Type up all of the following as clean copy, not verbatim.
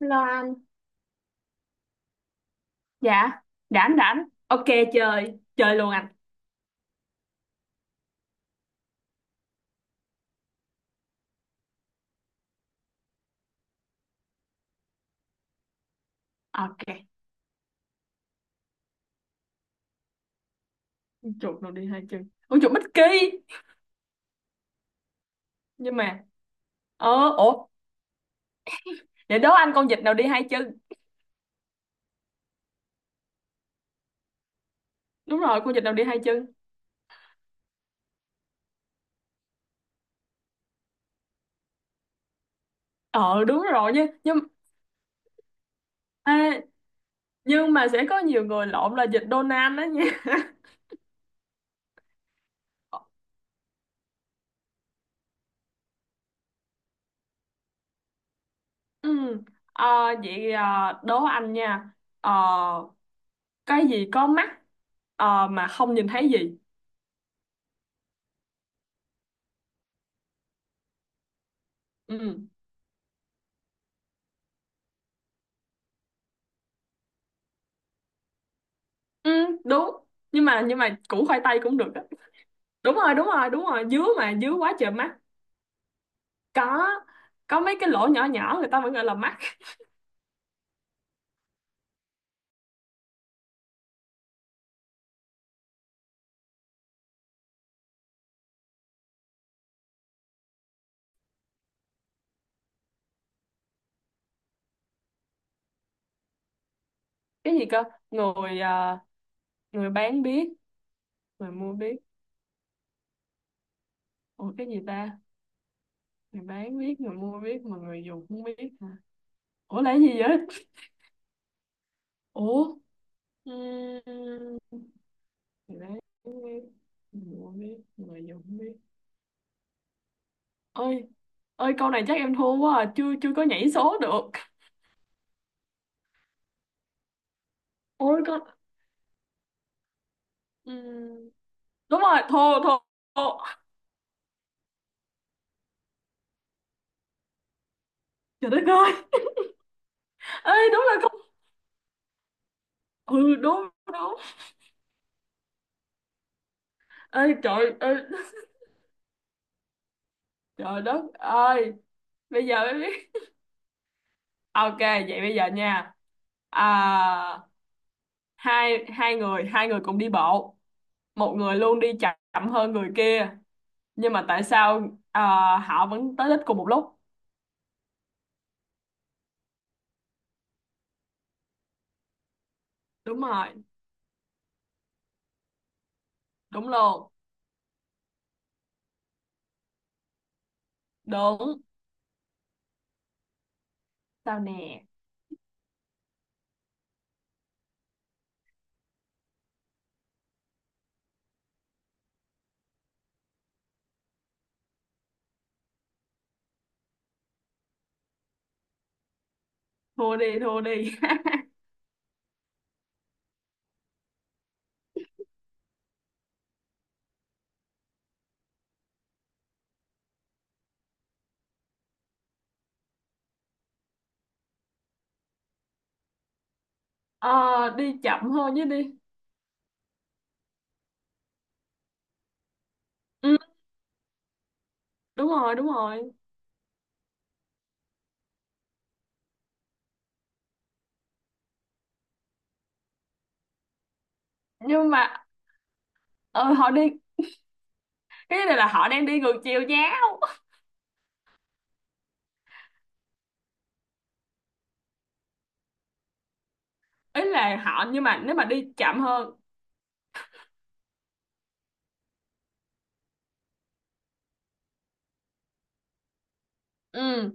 Lo anh. Dạ, rảnh rảnh, ok. Chơi chơi luôn anh. Ok, chuột nào đi hai chân? Con chuột bích kỳ. Nhưng mà ủa, để đố anh, con vịt nào đi hai chân? Đúng rồi, con vịt nào đi hai chân? Ờ Đúng rồi nhé, nhưng à, nhưng mà sẽ có nhiều người lộn là vịt Donald đó nha. Ừ. ờ, Vậy đố anh nha. ờ, cái gì có mắt mà không nhìn thấy gì? Ừ. Ừ, đúng, nhưng mà củ khoai tây cũng được á. Đúng rồi, đúng rồi, đúng rồi, dứa mà, dứa quá trời mắt. Có có mấy cái lỗ nhỏ nhỏ người ta vẫn gọi là mắt. Cái gì cơ? Người người bán biết, người mua biết. Ủa, cái gì ta? Người bán biết, người mua biết mà người dùng không biết hả? Ủa, là cái gì vậy? Ủa. ừm, Người bán biết, người mua biết, người dùng không biết. Ơi, ơi, câu này chắc em thua quá à. Chưa, chưa có nhảy số được. Ôi con. ừm, Đúng rồi, thua, thua, thua. Trời đất ơi. Ê, đúng là không? Ừ, đúng. Đúng. Ơi, trời ơi. Trời đất ơi. Bây giờ mới biết. Ok, vậy bây giờ nha. À, hai hai người cùng đi bộ, một người luôn đi chậm hơn người kia, nhưng mà tại sao họ vẫn tới đích cùng một lúc? Đúng rồi. Đúng luôn. Đúng. Sao nè? Thua đi, thua đi. Ờ, Đi chậm hơn chứ đi. Ừ, đúng rồi, đúng rồi. Nhưng mà ờ, họ đi, cái này là họ đang đi ngược chiều nhau. Ý là họ, nhưng mà nếu mà đi chậm hơn. Ừ.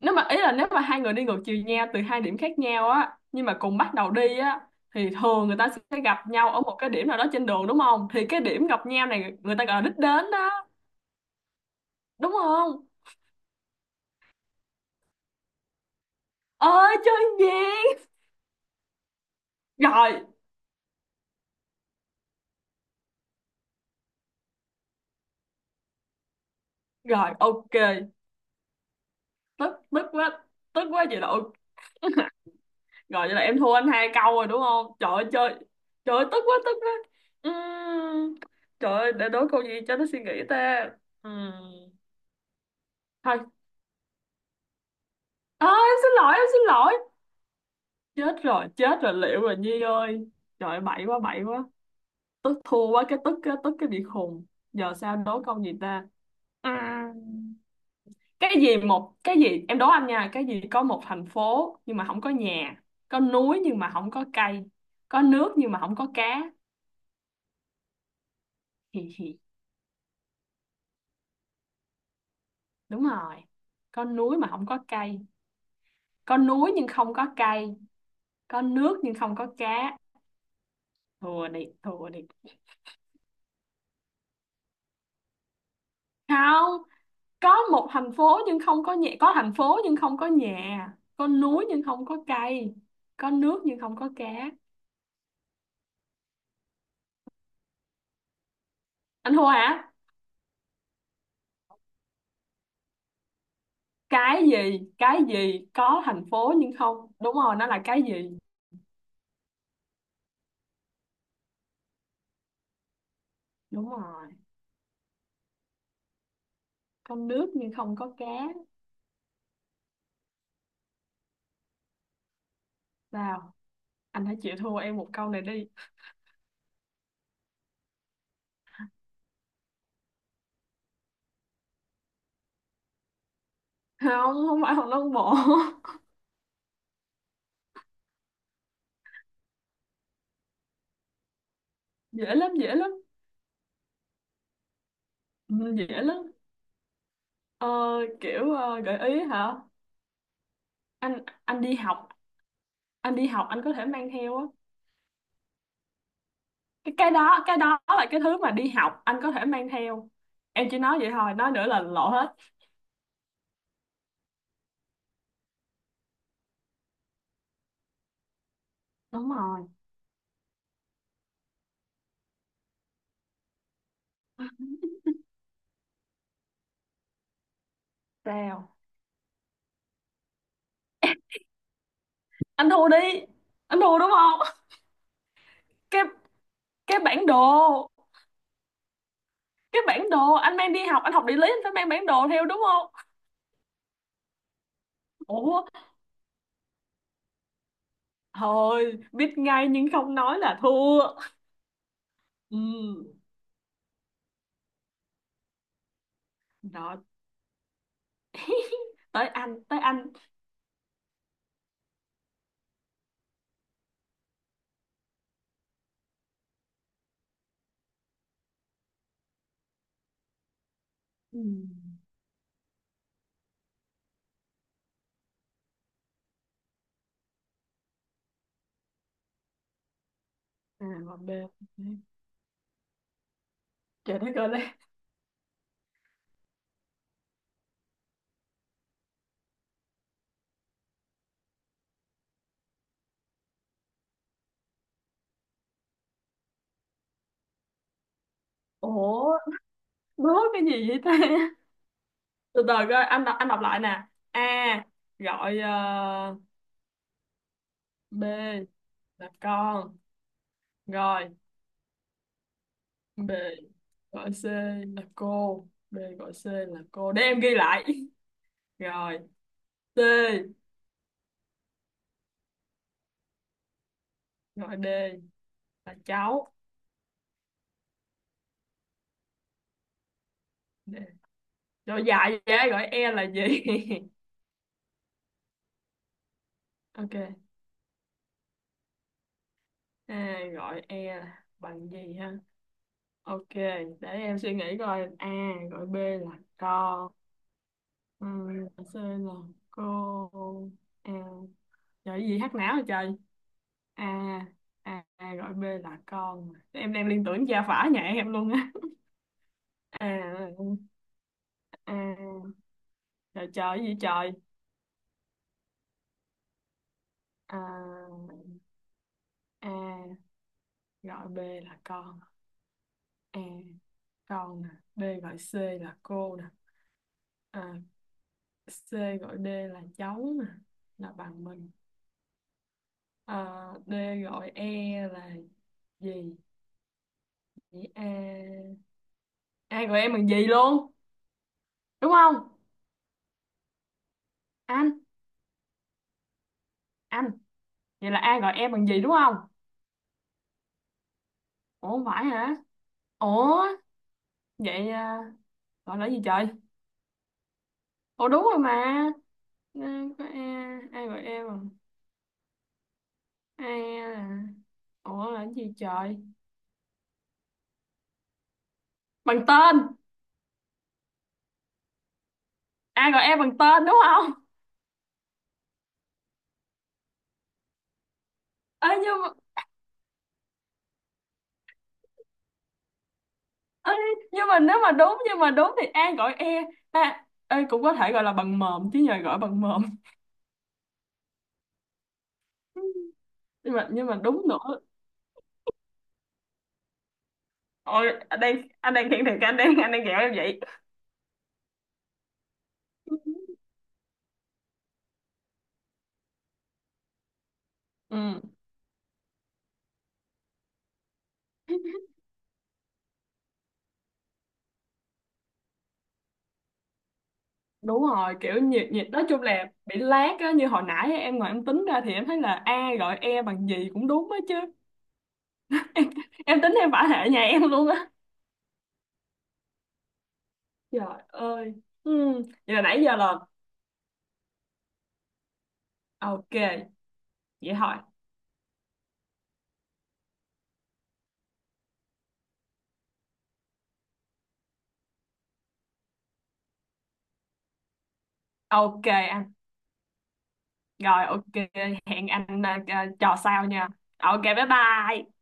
Nếu mà ý là nếu mà hai người đi ngược chiều nhau từ hai điểm khác nhau á, nhưng mà cùng bắt đầu đi á, thì thường người ta sẽ gặp nhau ở một cái điểm nào đó trên đường, đúng không? Thì cái điểm gặp nhau này người ta gọi là đích đến đó, đúng không? Ơi, chơi gì? Rồi, rồi, ok. Tức, tức quá, tức quá. Vậy là ok. Rồi, vậy là em thua anh hai câu rồi đúng không? Trời ơi, chơi. Trời ơi, tức quá, tức quá. Ừm, Trời ơi, để đối câu gì cho nó suy nghĩ ta? Ừm, Thôi. À, em xin lỗi, em xin lỗi. Chết rồi, chết rồi, liệu rồi Nhi ơi. Trời ơi, bậy quá, bậy quá. Tức, thua quá cái tức, cái tức, cái bị khùng. Giờ sao đố câu gì ta? À, cái gì một cái gì, em đố anh nha. Cái gì có một thành phố nhưng mà không có nhà, có núi nhưng mà không có cây, có nước nhưng mà không có cá? Hì hì. Đúng rồi. Có núi mà không có cây. Có núi nhưng không có cây. Có nước nhưng không có cá. Thua đi, thua đi. Không. Có một thành phố nhưng không có nhà. Có thành phố nhưng không có nhà, có núi nhưng không có cây, có nước nhưng không có cá. Anh thua hả? Cái gì, cái gì có thành phố nhưng không, đúng rồi, nó là cái gì. Đúng rồi. Có nước nhưng không có cá. Sao? Anh hãy chịu thua em một câu này đi. Không, không phải Hồng Long Bộ. Dễ lắm, dễ lắm. Ừ, dễ lắm. ờ, Kiểu gợi ý hả? Anh đi học, anh đi học, anh có thể mang theo á. Cái đó, cái đó là cái thứ mà đi học anh có thể mang theo. Em chỉ nói vậy thôi, nói nữa là lộ hết. Đúng rồi. Sao? Anh thua đi. Anh thua đúng không? Cái, cái bản đồ. Cái bản đồ, anh mang đi học, anh học địa lý anh phải mang bản đồ theo, đúng không? Ủa. Thôi biết ngay nhưng không nói là thua. Ừ. Rồi, tới anh, tới anh. Ừ. À, mà bê. Trời đất ơi. Ủa, nói cái gì vậy ta? Từ từ coi, anh đọc, anh đọc lại nè. A gọi B là con, rồi. B gọi C là cô. B gọi C là cô, để em ghi lại. Rồi. C gọi D là cháu. D. Rồi dài vậy, gọi E là gì? Ok. A gọi E là bằng gì ha? Ok, để em suy nghĩ coi. A gọi B là con, ừ, gọi C là cô. A. Trời, cái gì hát não hả trời? A. A. A gọi B là con. Em đang liên tưởng gia phả nhà em luôn á. A. A. Trời trời, cái gì trời? A. A gọi B là con. A, con nè. B gọi C là cô nè. À, C gọi D là cháu nè, là bằng mình. À, D gọi E là gì? Vậy A, A gọi em bằng gì luôn, đúng không? Anh anh. Vậy là A gọi em bằng gì đúng không? Ủa, phải hả? Ủa. Vậy à, gọi là gì trời? Ủa đúng rồi mà. À, có e, ai gọi em bằng, ai là. Ủa là cái gì trời? Bằng tên. Ai gọi em bằng tên, đúng không? Ê, nhưng mà, ê, nhưng mà nếu mà đúng, nhưng mà đúng thì ai gọi e. À, ê, cũng có thể gọi là bằng mồm chứ, nhờ gọi bằng mồm. Nhưng mà, nhưng mà đúng nữa. Ôi, anh đang khen thiệt, anh đang ghẹo em vậy. Ừ. Đúng rồi, kiểu nhiệt nhiệt, nói chung là bị lác á, như hồi nãy á, em ngồi em tính ra thì em thấy là A gọi E bằng gì cũng đúng á chứ. Em tính em phải hệ nhà em luôn á. Trời ơi. Ừ. Vậy là nãy giờ là, ok, vậy thôi. Ok anh. Rồi, ok. Hẹn anh trò sau nha. Ok, bye bye.